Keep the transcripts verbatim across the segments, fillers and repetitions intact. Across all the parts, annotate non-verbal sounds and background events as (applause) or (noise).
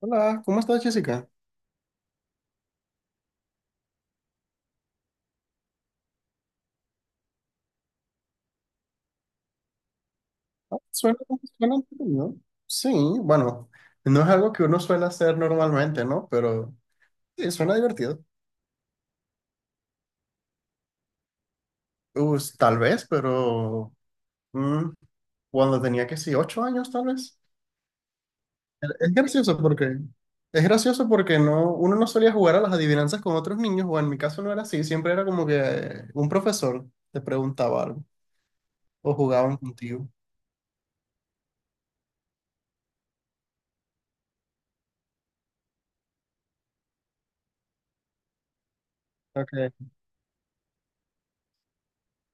Hola, ¿cómo estás, Jessica? Ah, Suena, suena entretenido. Sí, bueno, no es algo que uno suele hacer normalmente, ¿no? Pero sí, suena divertido. Pues, tal vez, pero mm, cuando tenía que sí, ocho años, tal vez. Es es gracioso porque es gracioso porque no, uno no solía jugar a las adivinanzas con otros niños, o en mi caso no era así. Siempre era como que eh, un profesor te preguntaba algo o jugaban contigo.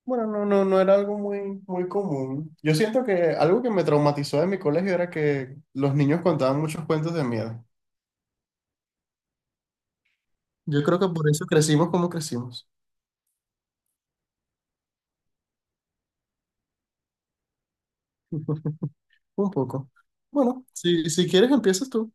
Bueno, no, no, no era algo muy, muy común. Yo siento que algo que me traumatizó de mi colegio era que los niños contaban muchos cuentos de miedo. Yo creo que por eso crecimos como crecimos. (laughs) Un poco. Bueno, si, si quieres empiezas tú.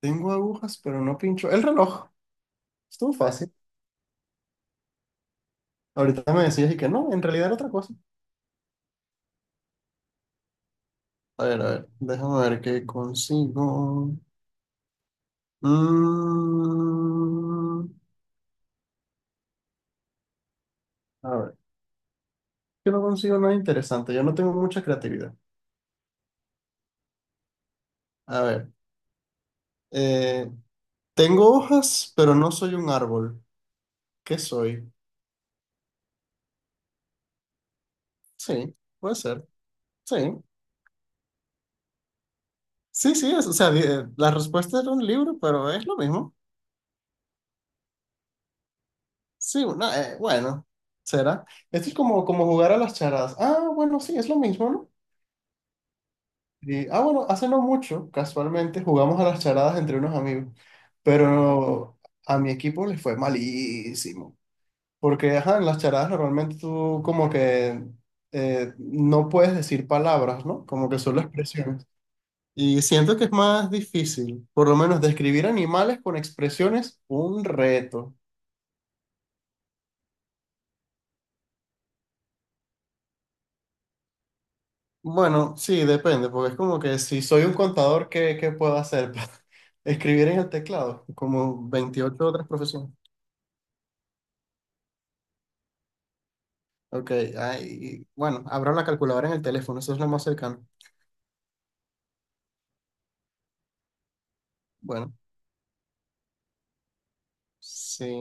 Tengo agujas, pero no pincho. El reloj. Estuvo fácil. Ahorita me decías y que no, en realidad era otra cosa. A ver, a ver, déjame ver qué consigo. Mm, a ver, yo no consigo nada interesante. Yo no tengo mucha creatividad. A ver, eh, tengo hojas, pero no soy un árbol. ¿Qué soy? Sí, puede ser. Sí. Sí, sí, es- o sea, di- eh, la respuesta era un libro, pero es lo mismo. Sí, una, eh, bueno, será. Esto es como, como jugar a las charadas. Ah, bueno, sí, es lo mismo, ¿no? Y, ah, bueno, hace no mucho, casualmente, jugamos a las charadas entre unos amigos, pero a mi equipo le fue malísimo. Porque, ajá, en las charadas normalmente tú como que eh, no puedes decir palabras, ¿no? Como que solo expresiones. Y siento que es más difícil, por lo menos describir animales con expresiones, un reto. Bueno, sí, depende, porque es como que si soy un contador, ¿qué, qué puedo hacer para (laughs) escribir en el teclado? Como veintiocho otras profesiones. Ok, ahí, bueno, abro la calculadora en el teléfono, eso es lo más cercano. Bueno, sí,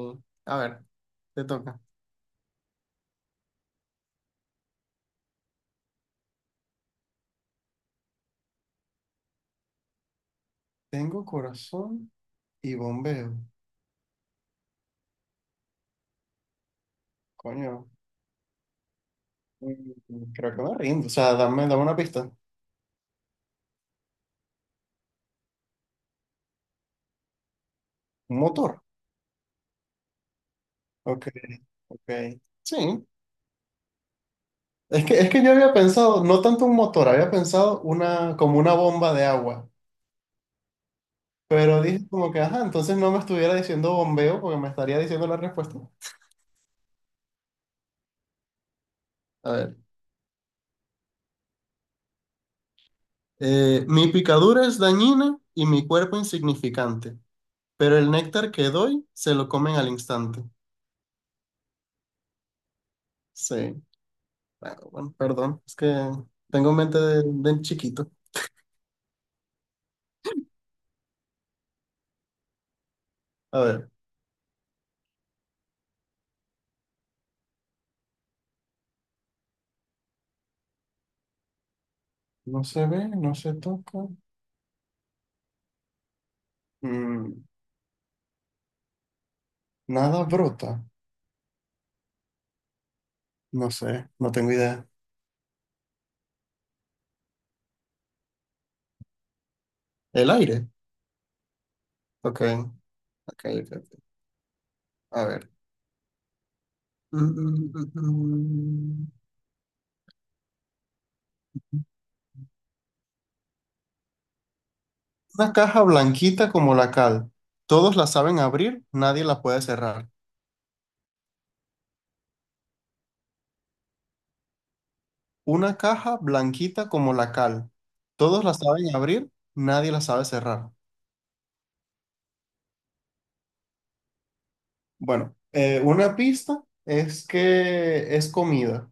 a ver, te toca. Tengo corazón y bombeo. Coño, mm, creo que me rindo, o sea, dame, dame una pista. Un motor. Ok, ok. Sí. Es que, es que yo había pensado, no tanto un motor, había pensado una, como una bomba de agua. Pero dije como que, ajá, entonces no me estuviera diciendo bombeo porque me estaría diciendo la respuesta. A ver. eh, mi picadura es dañina y mi cuerpo insignificante, pero el néctar que doy se lo comen al instante. Sí. Bueno, bueno, perdón, es que tengo mente de, de chiquito. A ver. No se ve, no se toca. Mm, nada brota. No sé, no tengo idea. El aire. Ok, ok. Ok. Ok. A ver. Mm, mm, mm, mm. mm. Una caja blanquita como la cal. Todos la saben abrir, nadie la puede cerrar. Una caja blanquita como la cal. Todos la saben abrir, nadie la sabe cerrar. Bueno, eh, una pista es que es comida.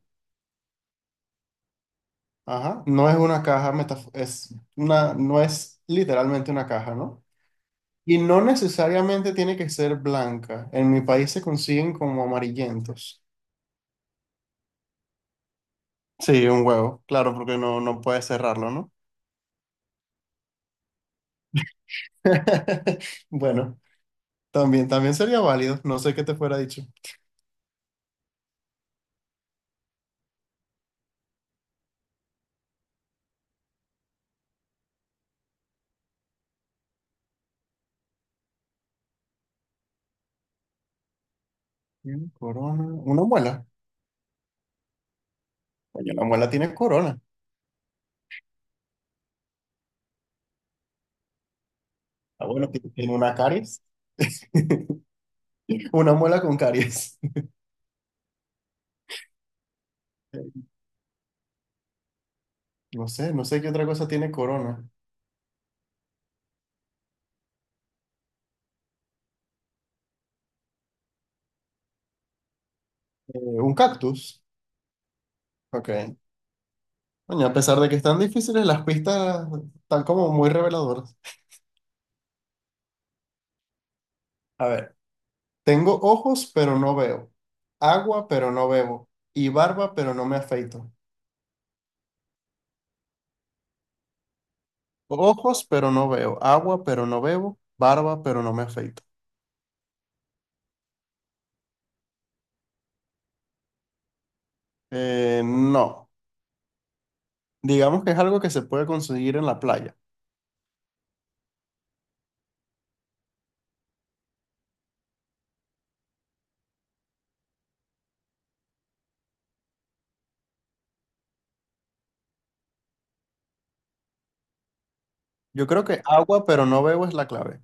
Ajá. No es una caja metaf- es una, no es literalmente una caja, ¿no? Y no necesariamente tiene que ser blanca. En mi país se consiguen como amarillentos. Sí, un huevo, claro, porque no, no puedes cerrarlo, ¿no? (laughs) Bueno, también, también sería válido. No sé qué te fuera dicho. Tiene corona, una muela. Coño, una muela tiene corona. Ah, bueno, ti- tiene una caries. (laughs) Una muela con caries. (laughs) No sé, no sé qué otra cosa tiene corona. Eh, un cactus. Ok. Coño, a pesar de que están difíciles, las pistas están como muy reveladoras. A ver. Tengo ojos, pero no veo. Agua, pero no bebo. Y barba, pero no me afeito. Ojos, pero no veo. Agua, pero no bebo. Barba, pero no me afeito. Eh, no. Digamos que es algo que se puede conseguir en la playa. Yo creo que agua, pero no bebo es la clave.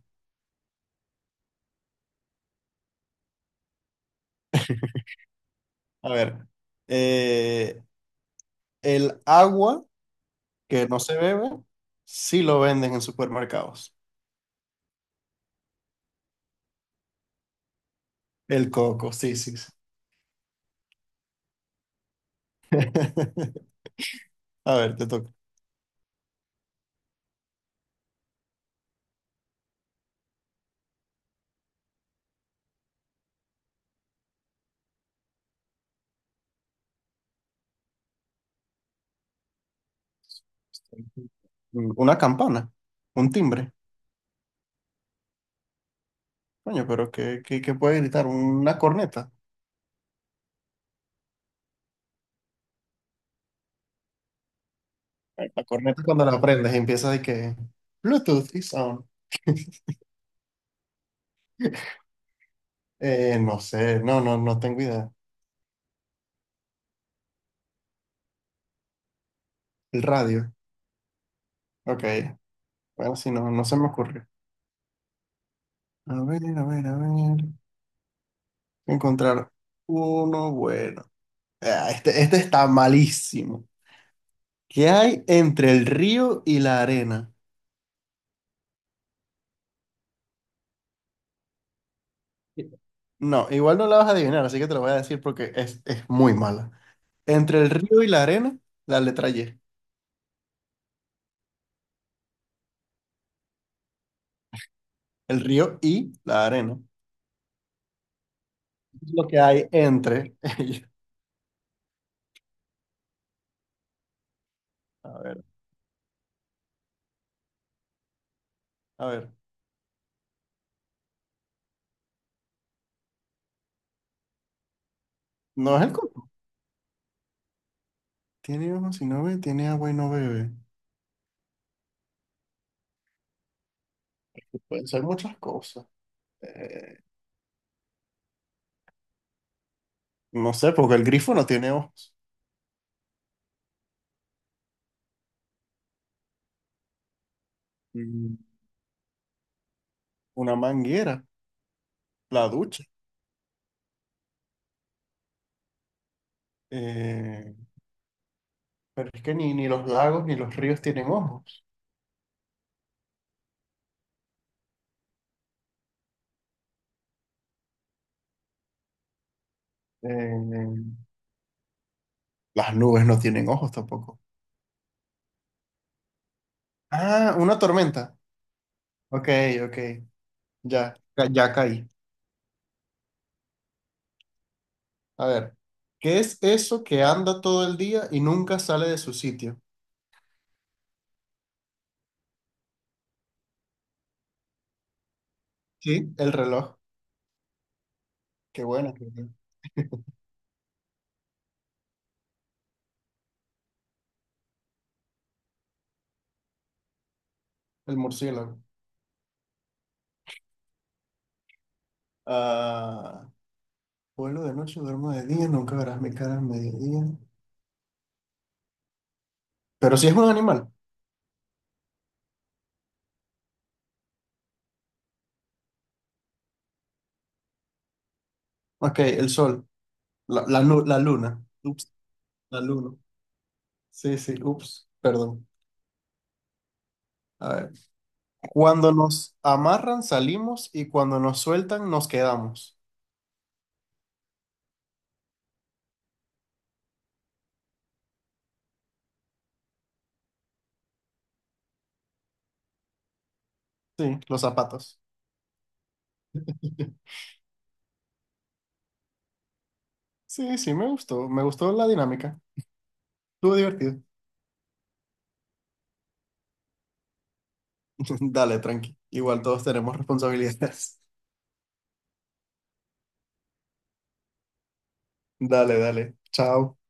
A ver. eh, el agua que no se bebe, sí lo venden en supermercados. El coco, sí, sí, sí. (laughs) A ver, te toca. Una campana, un timbre. Coño, pero ¿qué, qué, qué puede gritar? ¿Una corneta? La corneta cuando la aprendes empieza de que Bluetooth is on. (laughs) Eh, no sé, no, no, no tengo idea. El radio. Ok, bueno, si no, no se me ocurre. A ver, a ver, a ver. Encontrar uno bueno. Ah, este, este está malísimo. ¿Qué hay entre el río y la arena? No, igual no la vas a adivinar, así que te lo voy a decir porque es, es muy mala. Entre el río y la arena, la letra Y. El río y la arena. Es lo que hay entre ellos. A ver, a ver. No es el coco. Tiene ojos y no ve, tiene agua y no bebe. Pueden ser muchas cosas. Eh, no sé, porque el grifo no tiene ojos. Mm, Una manguera, la ducha. Eh, pero es que ni, ni los lagos ni los ríos tienen ojos. Eh, las nubes no tienen ojos tampoco. Ah, una tormenta. Ok, ok. Ya, ya caí. A ver, ¿qué es eso que anda todo el día y nunca sale de su sitio? Sí, el reloj. Qué bueno. Qué bueno. El murciélago. Ah, vuelo de noche, duermo de día, nunca verás mi cara al mediodía. Pero si es un animal. Ok, el sol. La, la, nu- la luna. Ups, la luna. Sí, sí, ups, perdón. A ver, cuando nos amarran salimos y cuando nos sueltan nos quedamos. Sí, los zapatos. (laughs) Sí, sí, me gustó. Me gustó la dinámica. Estuvo divertido. (laughs) Dale, tranqui. Igual todos tenemos responsabilidades. (laughs) Dale, dale. Chao.